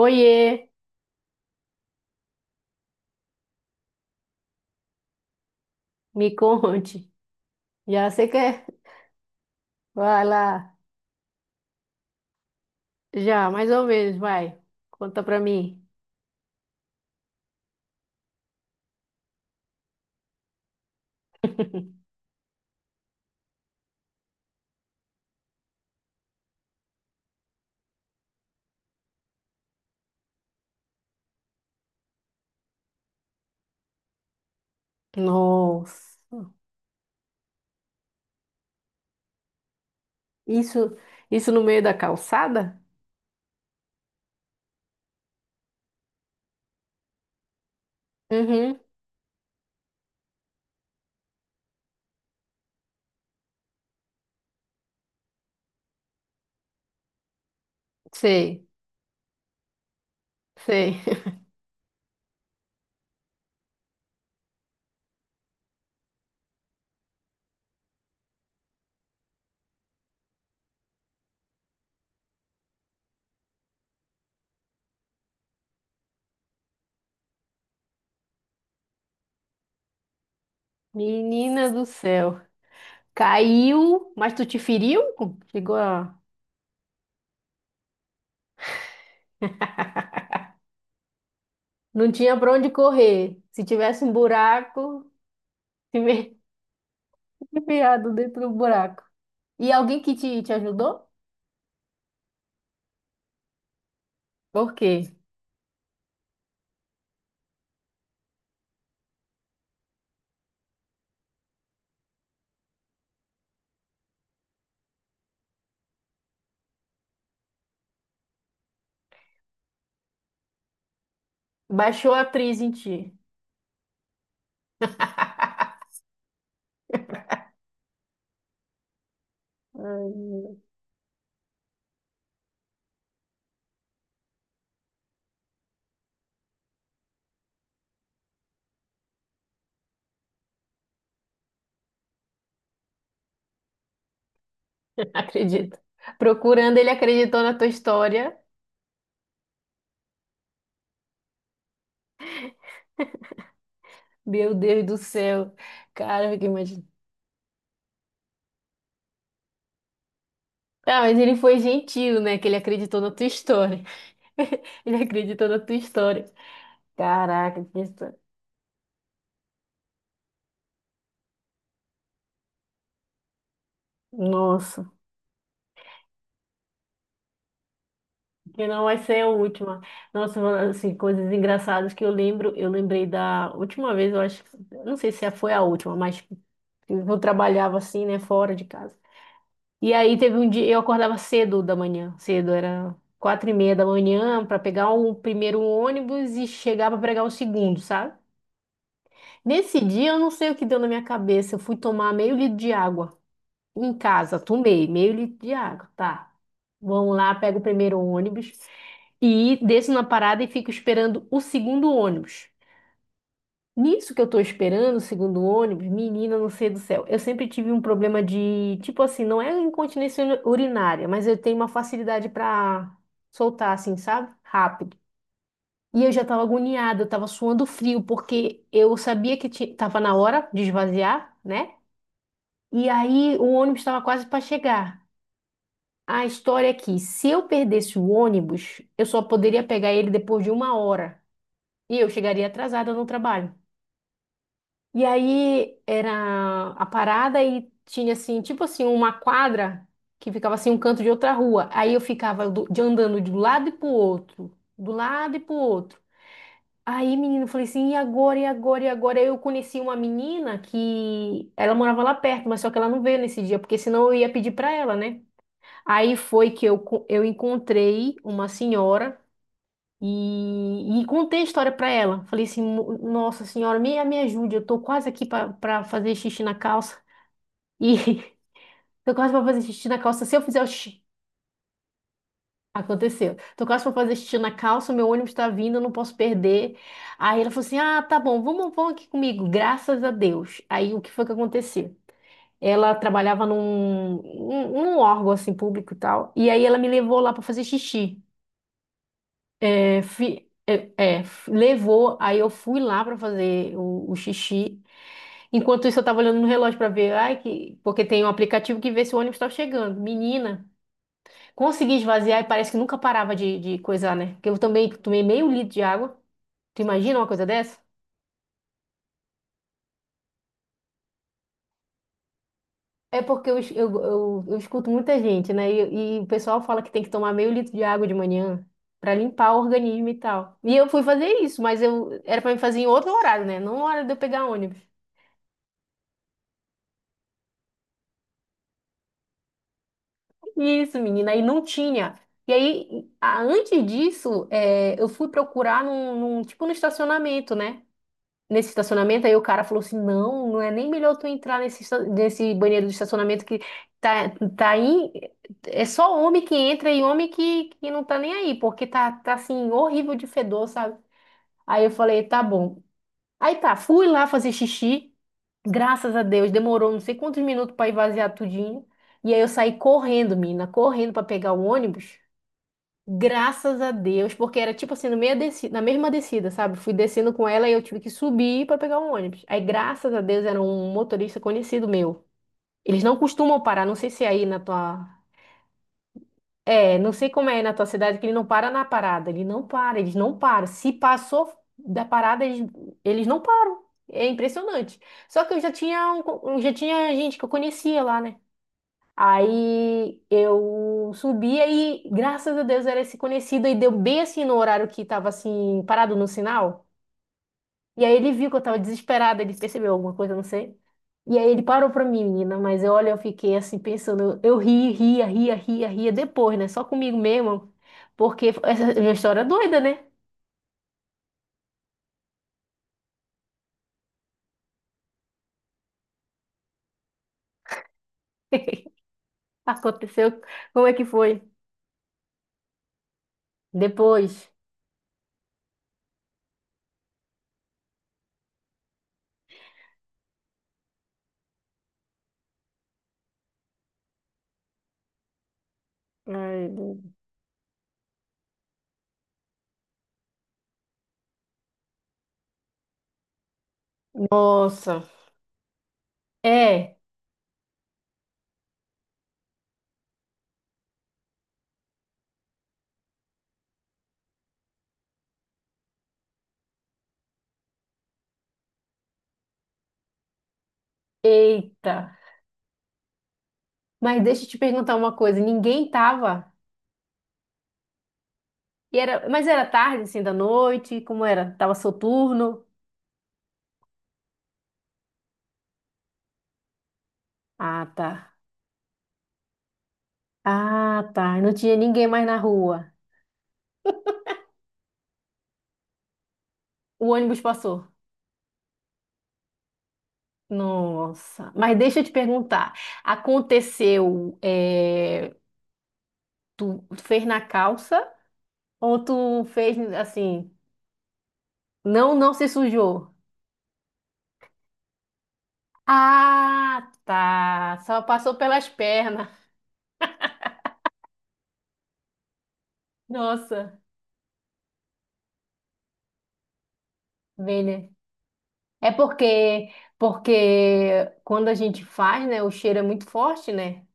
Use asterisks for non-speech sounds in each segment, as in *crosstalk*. Oiê, me conte. Já você quer? Vai lá. Já, mais ou menos, vai. Conta pra mim. *laughs* Nossa. Isso, isso no meio da calçada? Uhum. Sei, sei. *laughs* Menina do céu. Caiu, mas tu te feriu? Chegou a. Não tinha pra onde correr. Se tivesse um buraco, te me- *laughs* enfiado dentro do buraco. E alguém que te ajudou? Por quê? Baixou a atriz em ti. Ai, *laughs* acredito. Procurando, ele acreditou na tua história. Meu Deus do céu. Cara, eu fico imaginando. Ah, mas ele foi gentil, né? Que ele acreditou na tua história. *laughs* Ele acreditou na tua história. Caraca, que história. Nossa, que não vai ser a última. Nossa, mano, assim, coisas engraçadas que eu lembro. Eu lembrei da última vez, eu acho, eu não sei se foi a última, mas eu trabalhava assim, né, fora de casa. E aí teve um dia, eu acordava cedo da manhã, cedo, era 4:30 da manhã para pegar o primeiro ônibus e chegar para pegar o segundo, sabe? Nesse dia eu não sei o que deu na minha cabeça, eu fui tomar meio litro de água em casa, tomei meio litro de água, tá? Vamos lá, pego o primeiro ônibus e desço na parada e fico esperando o segundo ônibus. Nisso que eu tô esperando, segundo o ônibus, menina, não sei do céu. Eu sempre tive um problema de, tipo assim, não é incontinência urinária, mas eu tenho uma facilidade pra soltar, assim, sabe? Rápido. E eu já tava agoniada, eu tava suando frio, porque eu sabia que tava na hora de esvaziar, né? E aí o ônibus estava quase para chegar. A história é que, se eu perdesse o ônibus, eu só poderia pegar ele depois de uma hora. E eu chegaria atrasada no trabalho. E aí era a parada e tinha assim, tipo assim, uma quadra que ficava assim um canto de outra rua. Aí eu ficava de andando de um lado e pro outro, do lado e pro outro. Aí, menino, eu falei assim, e agora, e agora, e agora? Aí eu conheci uma menina que ela morava lá perto, mas só que ela não veio nesse dia, porque senão eu ia pedir pra ela, né? Aí foi que eu encontrei uma senhora e contei a história para ela. Falei assim, nossa senhora, me ajude, eu tô quase aqui para fazer xixi na calça. E *laughs* tô quase para fazer xixi na calça. Se eu fizer o xixi, aconteceu. Tô quase para fazer xixi na calça, meu ônibus tá vindo, eu não posso perder. Aí ela falou assim: ah, tá bom, vamos, vamos aqui comigo, graças a Deus. Aí o que foi que aconteceu? Ela trabalhava num órgão assim público e tal. E aí ela me levou lá para fazer xixi. É, levou, aí eu fui lá pra fazer o xixi. Enquanto isso, eu tava olhando no relógio pra ver, ai, que, porque tem um aplicativo que vê se o ônibus tá chegando. Menina, consegui esvaziar e parece que nunca parava de coisar, né? Porque eu também tomei meio litro de água. Tu imagina uma coisa dessa? É porque eu, es- eu escuto muita gente, né? E o pessoal fala que tem que tomar meio litro de água de manhã pra limpar o organismo e tal. E eu fui fazer isso, mas eu era pra me fazer em outro horário, né? Não na hora de eu pegar ônibus. Isso, menina, e não tinha. E aí, antes disso, é, eu fui procurar tipo no estacionamento, né? Nesse estacionamento, aí o cara falou assim: não, não é nem melhor tu entrar nesse banheiro do estacionamento que tá, tá aí. É só homem que entra e homem que não tá nem aí, porque tá assim, horrível de fedor, sabe? Aí eu falei: tá bom. Aí tá, fui lá fazer xixi. Graças a Deus, demorou não sei quantos minutos para esvaziar tudinho. E aí eu saí correndo, mina, correndo para pegar o ônibus. Graças a Deus, porque era tipo assim, no meio desci- na mesma descida, sabe? Fui descendo com ela e eu tive que subir para pegar o ônibus. Aí, graças a Deus, era um motorista conhecido meu. Eles não costumam parar, não sei se é aí na tua é, não sei como é na tua cidade, que ele não para na parada. Ele não para, eles não param. Se passou da parada, eles não param. É impressionante. Só que eu já tinha gente que eu conhecia lá, né? Aí eu subia e, graças a Deus, era esse conhecido. E deu bem assim no horário que tava assim, parado no sinal. E aí ele viu que eu tava desesperada, ele percebeu alguma coisa, eu não sei. E aí ele parou pra mim, menina, mas eu, olha, eu fiquei assim pensando, ria, ria, ria, ria depois, né? Só comigo mesmo, porque essa é uma história é doida, né? *laughs* Aconteceu, como é que foi? Depois. Ai, nossa. É, eita. Mas deixa eu te perguntar uma coisa, ninguém tava? E era, mas era tarde, assim, da noite, como era? Tava soturno? Ah, tá. Ah, tá. Não tinha ninguém mais na rua. O ônibus passou. Nossa. Mas deixa eu te perguntar. Aconteceu, é, tu fez na calça ou tu fez assim, não, não se sujou? Ah, tá. Só passou pelas pernas. Nossa, bem, né? É porque quando a gente faz, né, o cheiro é muito forte, né?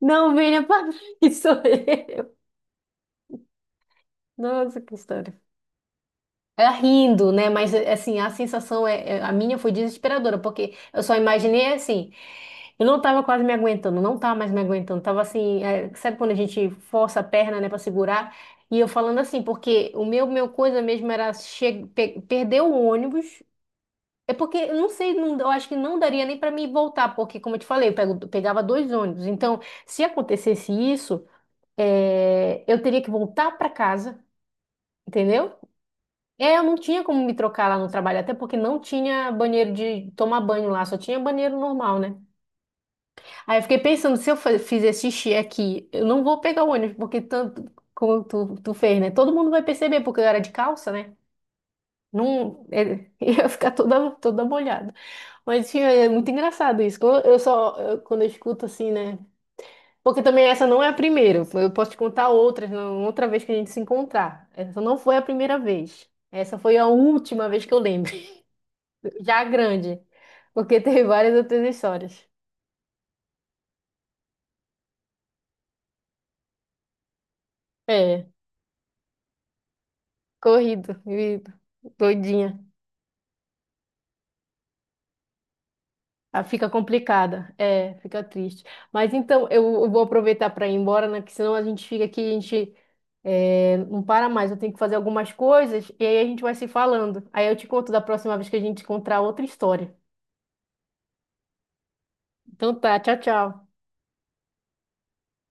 Não, venha para *laughs* isso. Aí. Nossa, que história. Ela rindo, né? Mas assim, a sensação a minha foi desesperadora, porque eu só imaginei assim, eu não tava quase me aguentando, não tava mais me aguentando, tava assim, é, sabe quando a gente força a perna, né, para segurar? E eu falando assim, porque o meu coisa mesmo era perder o ônibus. É porque eu não sei, eu acho que não daria nem para mim voltar, porque como eu te falei, eu pegava dois ônibus. Então, se acontecesse isso, é, eu teria que voltar para casa, entendeu? É, eu não tinha como me trocar lá no trabalho, até porque não tinha banheiro de tomar banho lá, só tinha banheiro normal, né? Aí eu fiquei pensando, se eu fizer xixi aqui, eu não vou pegar o ônibus, porque tanto como tu fez, né? Todo mundo vai perceber, porque eu era de calça, né? Não, é, *laughs* ia ficar toda, toda molhada. Mas enfim, é muito engraçado isso. Quando eu escuto assim, né? Porque também essa não é a primeira. Eu posso te contar outras, outra vez que a gente se encontrar. Essa não foi a primeira vez. Essa foi a última vez que eu lembro. Já grande, porque tem *laughs* várias outras histórias. É, corrido, vivido, doidinha. Ah, fica complicada, é, fica triste. Mas então, eu vou aproveitar para ir embora, né? Que senão a gente fica aqui, a gente não para mais. Eu tenho que fazer algumas coisas e aí a gente vai se falando. Aí eu te conto da próxima vez que a gente encontrar outra história. Então tá, tchau, tchau.